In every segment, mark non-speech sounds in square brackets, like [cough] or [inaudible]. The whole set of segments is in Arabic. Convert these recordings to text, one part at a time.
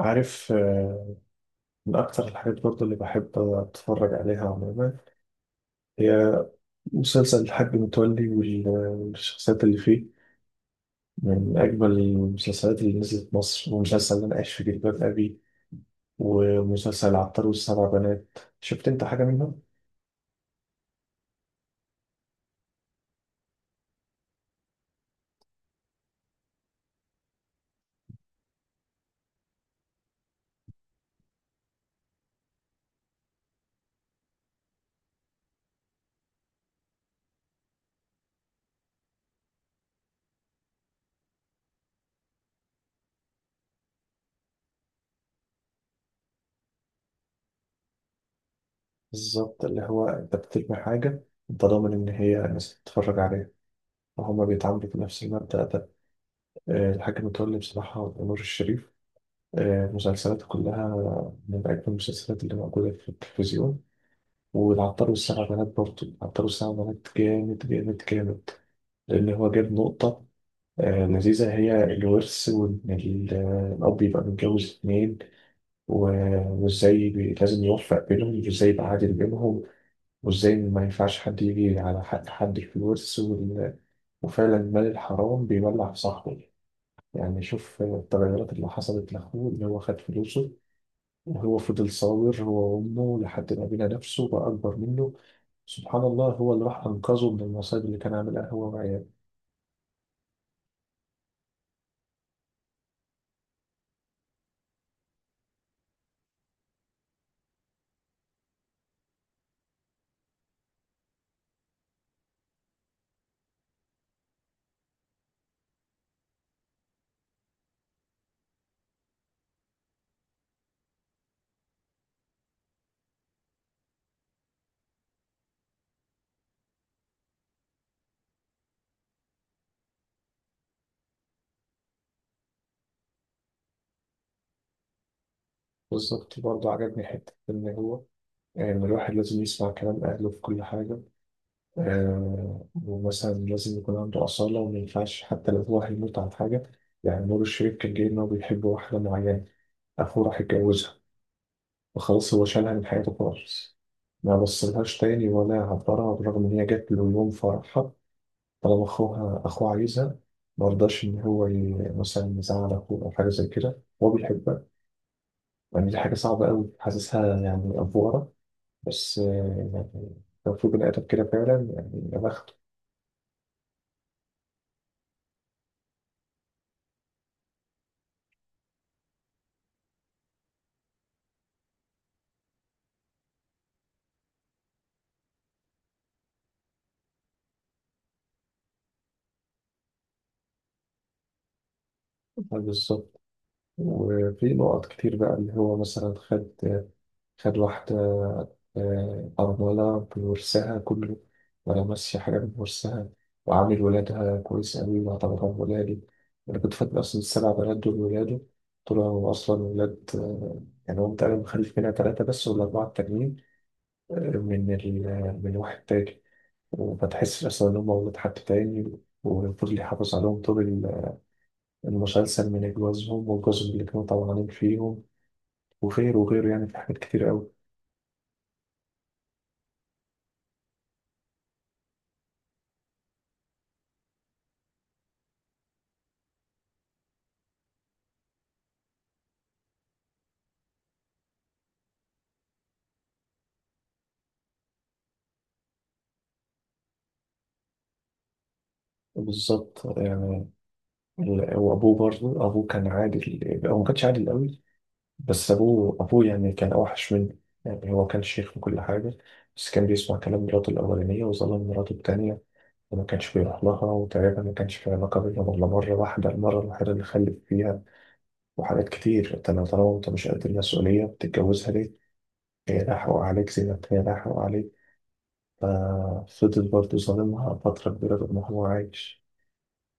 عارف آه، من أكتر الحاجات برضه اللي بحب أتفرج عليها عموما هي مسلسل الحاج متولي والشخصيات اللي فيه، من أجمل المسلسلات اللي نزلت مصر، ومسلسل اللي أنا عايش في جلباب أبي، ومسلسل العطار والسبع بنات. شفت أنت حاجة منهم؟ بالظبط، اللي هو أنت بترمي حاجة أنت ضامن إن هي الناس تتفرج عليها، وهما بيتعاملوا بنفس المبدأ ده. آه، الحاج متولي بصراحة، ونور الشريف، آه، مسلسلاته كلها من أجمل المسلسلات اللي موجودة في التلفزيون. والعطار والسبع بنات برضه، العطار والسبع بنات جامد جامد جامد، لأن هو جاب نقطة آه، لذيذة، هي الورث، وإن الأب يبقى متجوز اتنين، و- وإزاي لازم يوفق بينهم، وإزاي يبقى عادل بينهم، وإزاي ما ينفعش حد يجي على حق حد في الورث وفعلا المال الحرام بيولع في صاحبه. يعني شوف آه، التغيرات اللي حصلت لأخوه اللي هو خد فلوسه. هو فضل صابر هو وأمه لحد ما بنى نفسه بقى أكبر منه. سبحان الله، هو اللي راح أنقذه من المصايب اللي كان عاملها هو وعياله. بالظبط، برضه عجبني حتة إن هو، إن الواحد لازم يسمع كلام أهله في كل حاجة. آه، ومثلا لازم يكون عنده أصالة، وما ينفعش حتى لو هو هيموت عن حاجة. يعني نور الشريف كان جاي إن هو بيحب واحدة معينة، أخوه راح يتجوزها، وخلاص هو شالها من حياته خالص، ما بصلهاش تاني ولا عبرها بالرغم إن هي جات له يوم فرحها. طالما أخوها أخوه عايزها، ما رضاش إن هو مثلا يزعل أخوه أو حاجة زي كده، هو بيحبها. يعني دي حاجة صعبة أوي، حاسسها يعني أفورة. بس آه، يعني لو في بني آدم كده فعلا، يعني يا بخته. آه، بالظبط. وفي نقط كتير بقى اللي هو مثلا خد واحدة آه، أرملة بورسها كله، ولا ماشية حاجة بورسها، وعامل ولادها كويس أوي وأعتبرهم ولادي. أنا كنت فاكر أصلا السبع بنات دول ولاده، طلعوا أصلا ولاد آه، يعني هو تقريبا مخلف منها تلاتة بس، والأربعة التانيين آه، من واحد تاني، وما تحسش أصلا إن هم ولاد حد تاني. وفضل يحافظ عليهم طول المسلسل، من جوازهم وجوزهم اللي كانوا طبعانين فيهم وغيره وغيره، يعني في حاجات كتير أوي. بالظبط، يعني وابوه برضه، ابوه كان عادل، هو ما كانش عادل قوي، بس ابوه يعني كان اوحش منه. يعني هو كان شيخ وكل حاجه، بس كان بيسمع كلام مراته الاولانيه وظلم مراته التانيه، وما كانش بيروح لها، وتقريبا ما كانش في علاقه بينهم غير مره واحده، المره الوحيده اللي خلف فيها. وحاجات كتير، انت لو طالما انت مش قد المسؤوليه بتتجوزها ليه؟ هي لا حقوق عليك زي ما هي لا حقوق عليك. ففضل برضه ظالمها فتره كبيره طول ما هو عايش.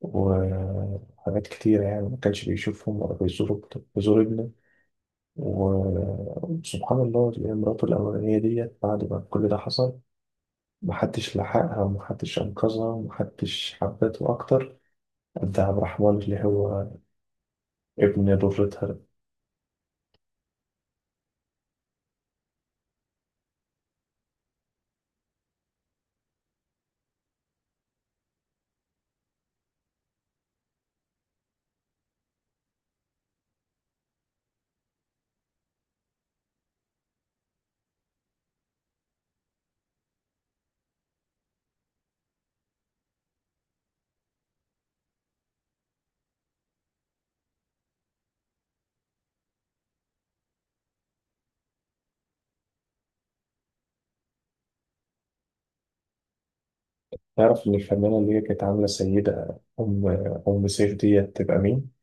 وحاجات كتير، يعني ما كانش بيشوفهم ولا بيزور ابنه. و- وسبحان الله، اللي هي مراته الأولانية ديت بعد ما كل ده حصل، محدش لحقها، ومحدش أنقذها، ومحدش حبته أكتر قد عبد الرحمن اللي هو ابن ضرتها ده. تعرف إن الفنانة اللي هي كانت عاملة سيدة أم، أم سيف ديت تبقى مين؟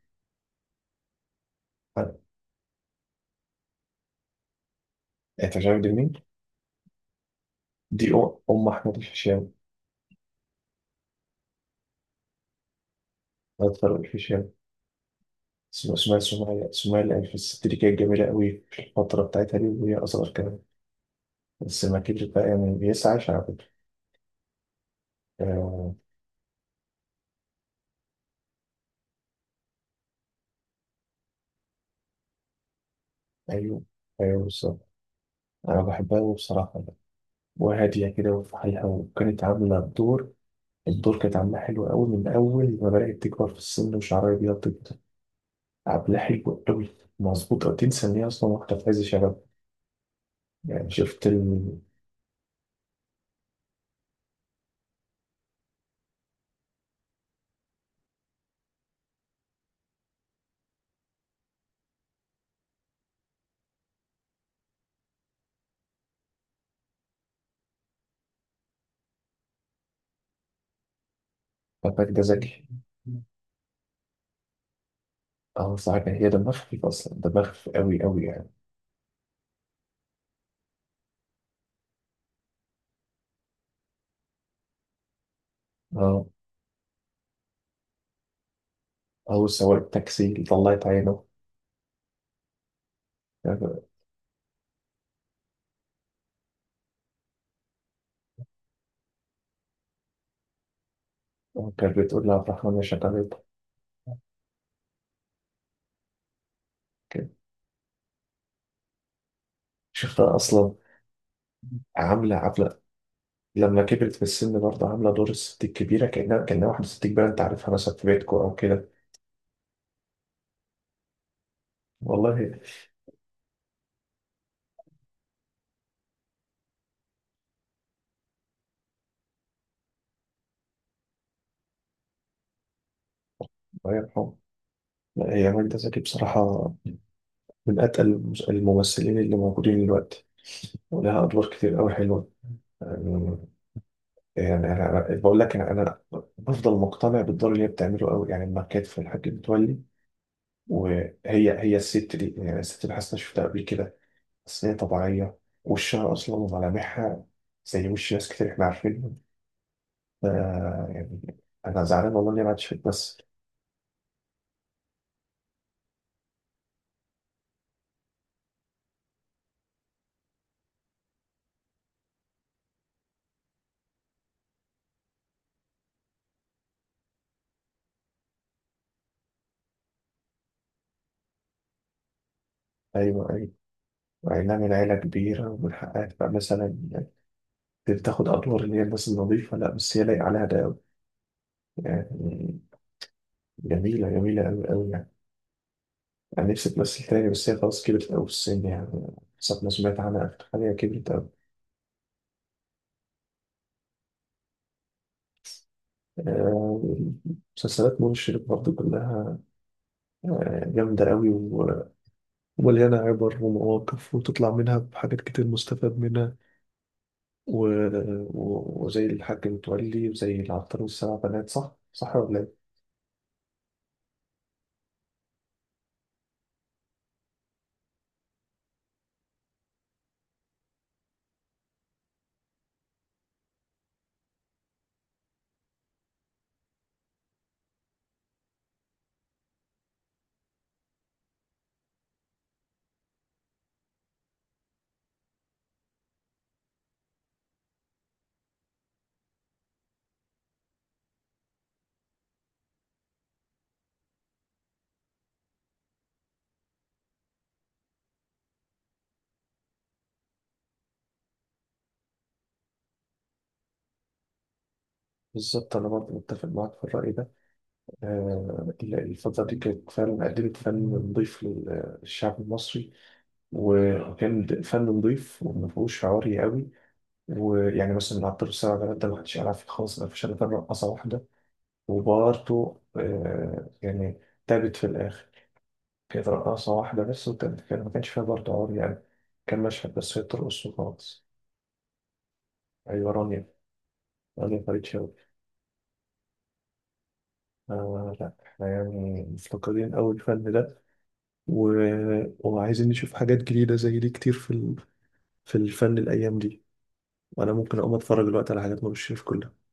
أه، أنت عارف دي مين؟ دي أم أحمد الفيشاوي. أكتر الفيشاوي، اسمها سمية العيد. في الست دي كانت جميلة قوي في الفترة بتاعتها دي، وهي أصغر كمان، بس ما كبرت بقى يعني بيسعى على فكرة. آه. أيوه أيوه بالظبط، أنا بحبها أوي بصراحة بقى. وهادية كده وفي حالها، وكانت عاملة الدور، الدور كانت عاملاه حلو قوي من أول ما بدأت تكبر في السن وشعرها أبيض كده. عاملاه حلو قوي، مظبوط أوي، تنسى إن هي أصلا واحدة في عز شباب. يعني شفت الباك ده ذكي [laughs] أه صح، هي دماغها خفيف أصلا، دماغها خفيف قوي قوي يعني. اه، أو سواق التاكسي اللي طلعت عينه. كانت بتقول لها عبد الرحمن يا شغالة كده. شفتها أصلا عاملة لما كبرت في السن، برضه عاملة دور الست الكبيرة، كأنها واحدة ست كبيرة، أنت عارفها مثلا في بيتكو أو كده. والله. الله يرحمه. لا، هي ماجدة زكي بصراحة، من أتقل الممثلين اللي موجودين دلوقتي، ولها أدوار كتير أوي حلوة. يعني، يعني بقول لك، أنا بفضل مقتنع بالدور اللي هي بتعمله أوي، يعني لما كانت في الحاج متولي. وهي، هي الست دي، يعني الست اللي حاسس إني شفتها قبل كده، بس هي طبيعية، وشها أصلا وملامحها زي وش ناس كتير إحنا عارفينهم. ف- يعني أنا زعلان والله إني ما عادش بتمثل. أيوه أيوه. مع إنها من عيلة كبيرة ومن حقها تبقى مثلا يعني تاخد أدوار اللي هي الناس النظيفة، لا بس هي لايقة عليها ده أوي يعني. جميلة جميلة أوي أوي يعني. أنا نفسي تمثل تاني، بس هي خلاص كبرت أوي في السن يعني. حسب ما سمعت عنها آخر حاجة كبرت أوي. آه، مسلسلات منى شلبي برضه كلها آه، جامدة قوي ومليانة عبر ومواقف، وتطلع منها بحاجات كتير مستفاد منها. و... وزي الحاج متولي وزي العطار والسبع بنات، صح؟ صح ولا إيه؟ بالظبط، أنا برضه متفق معاك في الرأي ده. آه، الفترة دي كانت فعلا قدمت فن نضيف للشعب المصري، وكان فن نضيف وما فيهوش عوري قوي. ويعني مثلا العطار والسبع بنات ده ما حدش يعرف فيه خالص، ما فيش إلا رقصة واحدة. وبرضه آه، يعني تعبت في الآخر، هي رقاصة واحدة بس، وكان كان ما كانش فيها برضه عور يعني، كان مشهد بس هي بترقص وخلاص. أيوة رانيا، فريد شوقي. آه لا، احنا يعني مفتقدين أوي الفن ده، و... وعايزين نشوف حاجات جديدة زي دي كتير في الفن الأيام دي. وأنا ممكن أقوم أتفرج دلوقتي على حاجات ما بشوف كلها